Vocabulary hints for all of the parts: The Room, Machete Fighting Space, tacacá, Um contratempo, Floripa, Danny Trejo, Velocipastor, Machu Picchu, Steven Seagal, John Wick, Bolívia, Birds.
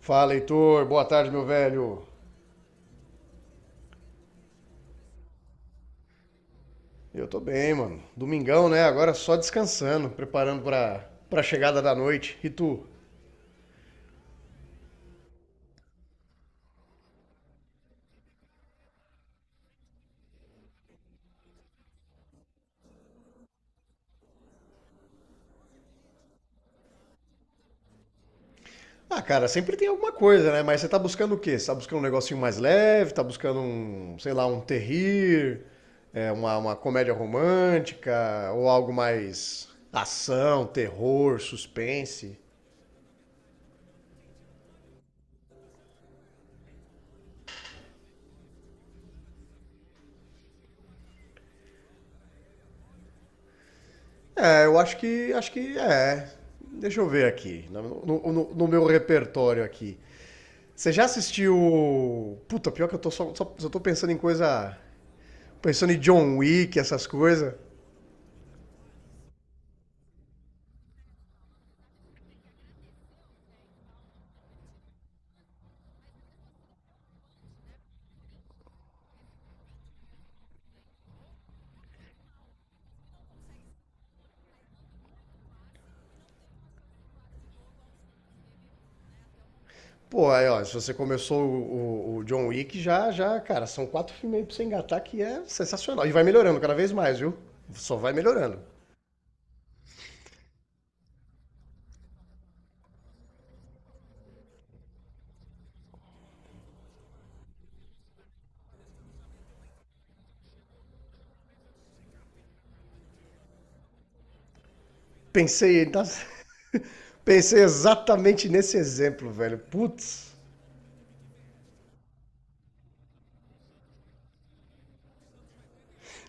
Fala, Heitor. Boa tarde, meu velho. Eu tô bem, mano. Domingão, né? Agora só descansando, preparando pra chegada da noite. E tu? Ah, cara, sempre tem alguma coisa, né? Mas você tá buscando o quê? Você tá buscando um negocinho mais leve? Tá buscando um, sei lá, um terrir? É, uma comédia romântica? Ou algo mais ação, terror, suspense? É, acho que é. Deixa eu ver aqui, no meu repertório aqui. Você já assistiu. Puta, pior que eu tô só tô pensando em coisa. Pensando em John Wick, essas coisas. Pô, aí, ó, se você começou o John Wick, cara, são quatro filmes aí pra você engatar que é sensacional. E vai melhorando cada vez mais, viu? Só vai melhorando. Pensei, nas- pensei exatamente nesse exemplo, velho. Putz.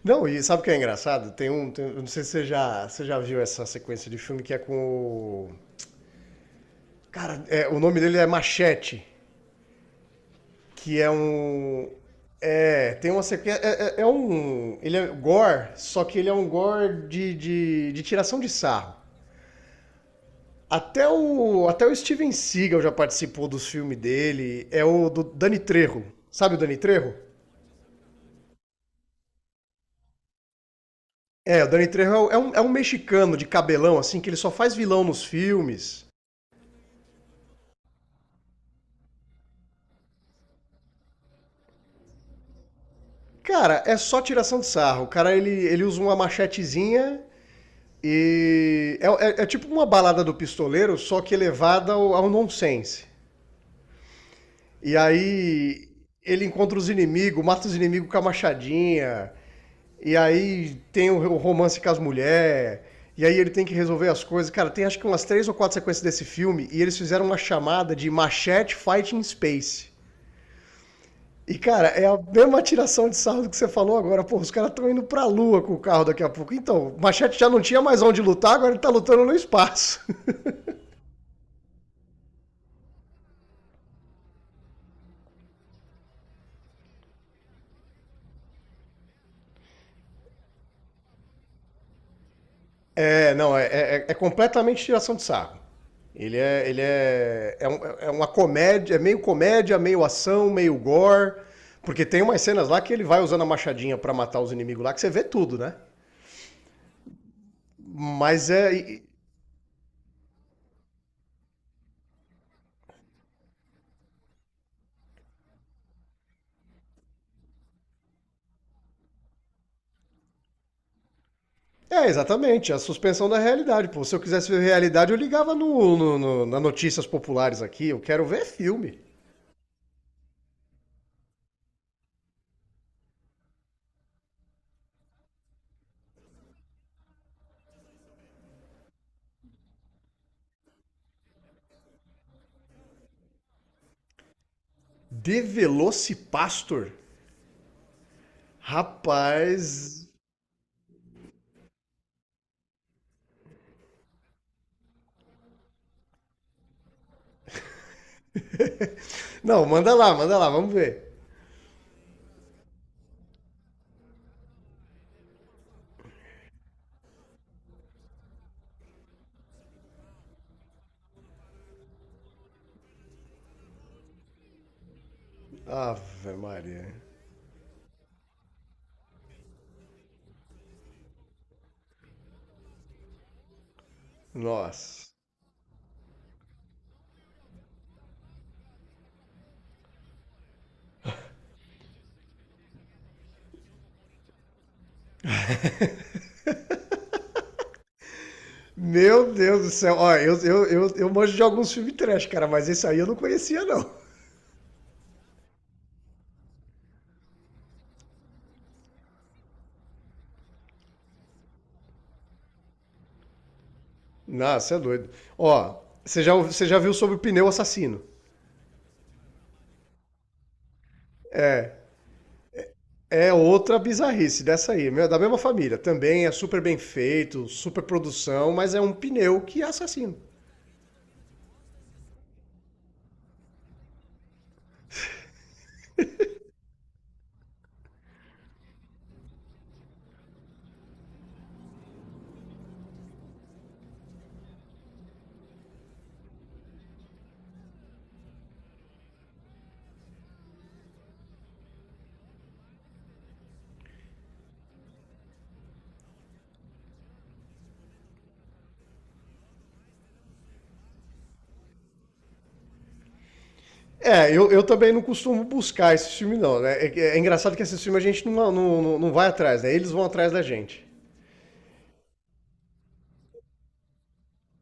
Não, e sabe o que é engraçado? Tem um. Eu não sei se você já, você já viu essa sequência de filme que é com o. Cara, é, o nome dele é Machete. Que é um. É, tem uma sequência. É um. Ele é gore, só que ele é um gore de tiração de sarro. Até o Steven Seagal já participou dos filmes dele. É o do Danny Trejo. Sabe o Danny Trejo? É, o Danny Trejo é um mexicano de cabelão, assim, que ele só faz vilão nos filmes. Cara, é só tiração de sarro. O cara, ele usa uma machetezinha e... é tipo uma balada do pistoleiro, só que elevada ao nonsense. E aí ele encontra os inimigos, mata os inimigos com a machadinha. E aí tem o romance com as mulheres. E aí ele tem que resolver as coisas. Cara, tem acho que umas três ou quatro sequências desse filme e eles fizeram uma chamada de Machete Fighting Space. E, cara, é a mesma tiração de sarro do que você falou agora. Pô, os caras estão indo pra lua com o carro daqui a pouco. Então, o Machete já não tinha mais onde lutar, agora ele tá lutando no espaço. É, não, é, é- é completamente tiração de sarro. Ele é, é, um- é uma comédia, é meio comédia, meio ação, meio gore, porque tem umas cenas lá que ele vai usando a machadinha pra matar os inimigos lá, que você vê tudo, né? Mas é, e- é exatamente, é a suspensão da realidade. Pô, se eu quisesse ver realidade, eu ligava na notícias populares aqui. Eu quero ver filme. De Velocipastor, rapaz. Não, manda lá, vamos ver. Ave Maria. Nossa. Meu Deus do céu. Ó, eu manjo de alguns filmes trash, cara, mas esse aí eu não conhecia, não. Nossa, você é doido. Ó, você já viu sobre o pneu assassino? É outra bizarrice dessa aí, meu, é da mesma família. Também é super bem feito, super produção, mas é um pneu que é assassino. É, eu também não costumo buscar esse filme, não, né? É, é engraçado que esse filme a gente não vai atrás, né? Eles vão atrás da gente.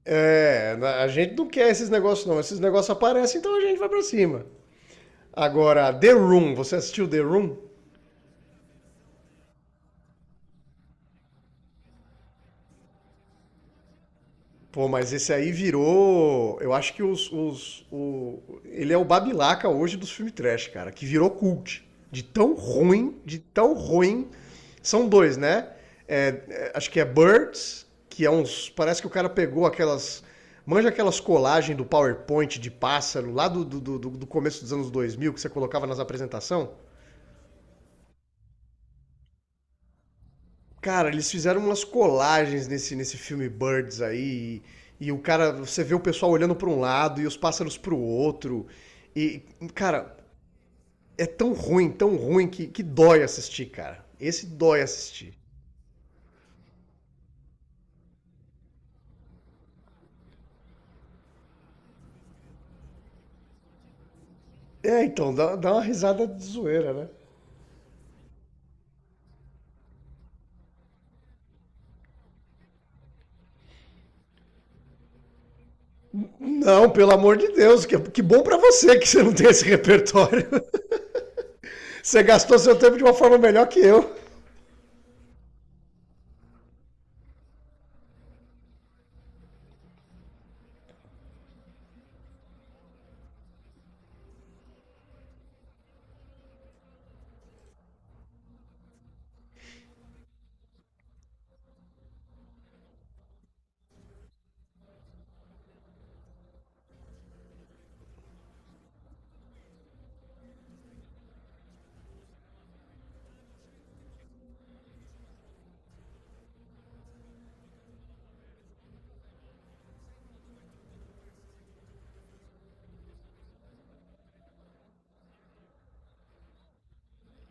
É, a gente não quer esses negócios, não. Esses negócios aparecem, então a gente vai pra cima. Agora, The Room, você assistiu The Room? Pô, mas esse aí virou. Eu acho que os. Ele é o Babilaca hoje dos filmes trash, cara, que virou cult. De tão ruim, de tão ruim. São dois, né? Acho que é Birds, que é uns. Parece que o cara pegou aquelas. Manja aquelas colagens do PowerPoint de pássaro lá do começo dos anos 2000 que você colocava nas apresentações? Cara, eles fizeram umas colagens nesse filme Birds aí. E, o cara, você vê o pessoal olhando para um lado e os pássaros para o outro. E, cara, é tão ruim que dói assistir, cara. Esse dói assistir. É, então, dá uma risada de zoeira, né? Não, pelo amor de Deus, que bom pra você que você não tem esse repertório. Você gastou seu tempo de uma forma melhor que eu.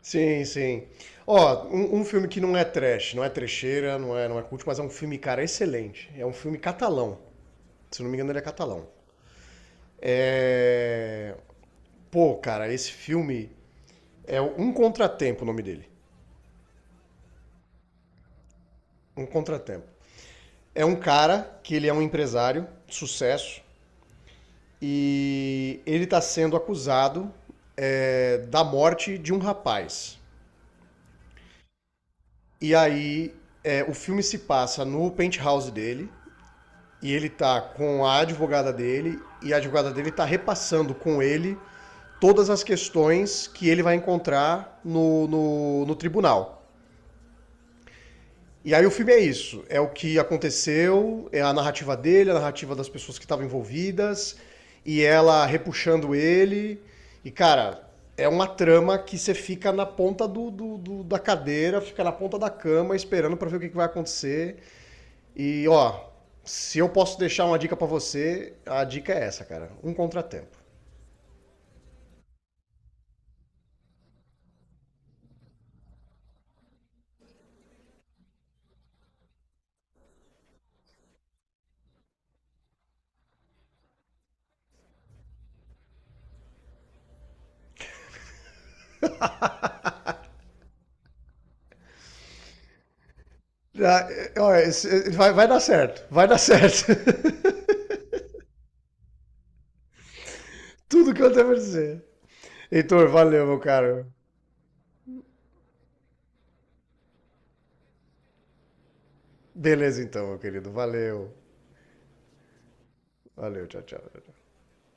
Sim, sim. Ó, um filme que não é trash, não é trecheira, não é culto, mas é um filme, cara, excelente. É um filme catalão. Se não me engano, ele é catalão. É... Pô, cara, esse filme é um contratempo o nome dele. Um contratempo. É um cara que ele é um empresário, de sucesso, e ele tá sendo acusado é, da morte de um rapaz. E aí é, o filme se passa no penthouse dele, E ele tá com a advogada dele e a advogada dele tá repassando com ele todas as questões que ele vai encontrar no tribunal. E aí o filme é isso, é o que aconteceu, é a narrativa dele, a narrativa das pessoas que estavam envolvidas, e ela repuxando ele. E, cara, é uma trama que você fica na ponta da cadeira, fica na ponta da cama esperando pra ver que vai acontecer. E ó, se eu posso deixar uma dica pra você, a dica é essa, cara. Um contratempo. Ah, é, ó, Vai, vai dar certo, vai dar certo. Tudo que eu tenho pra dizer. Heitor, valeu, meu caro. Beleza então, meu querido. Valeu. Valeu, tchau, tchau. Tchau, tchau.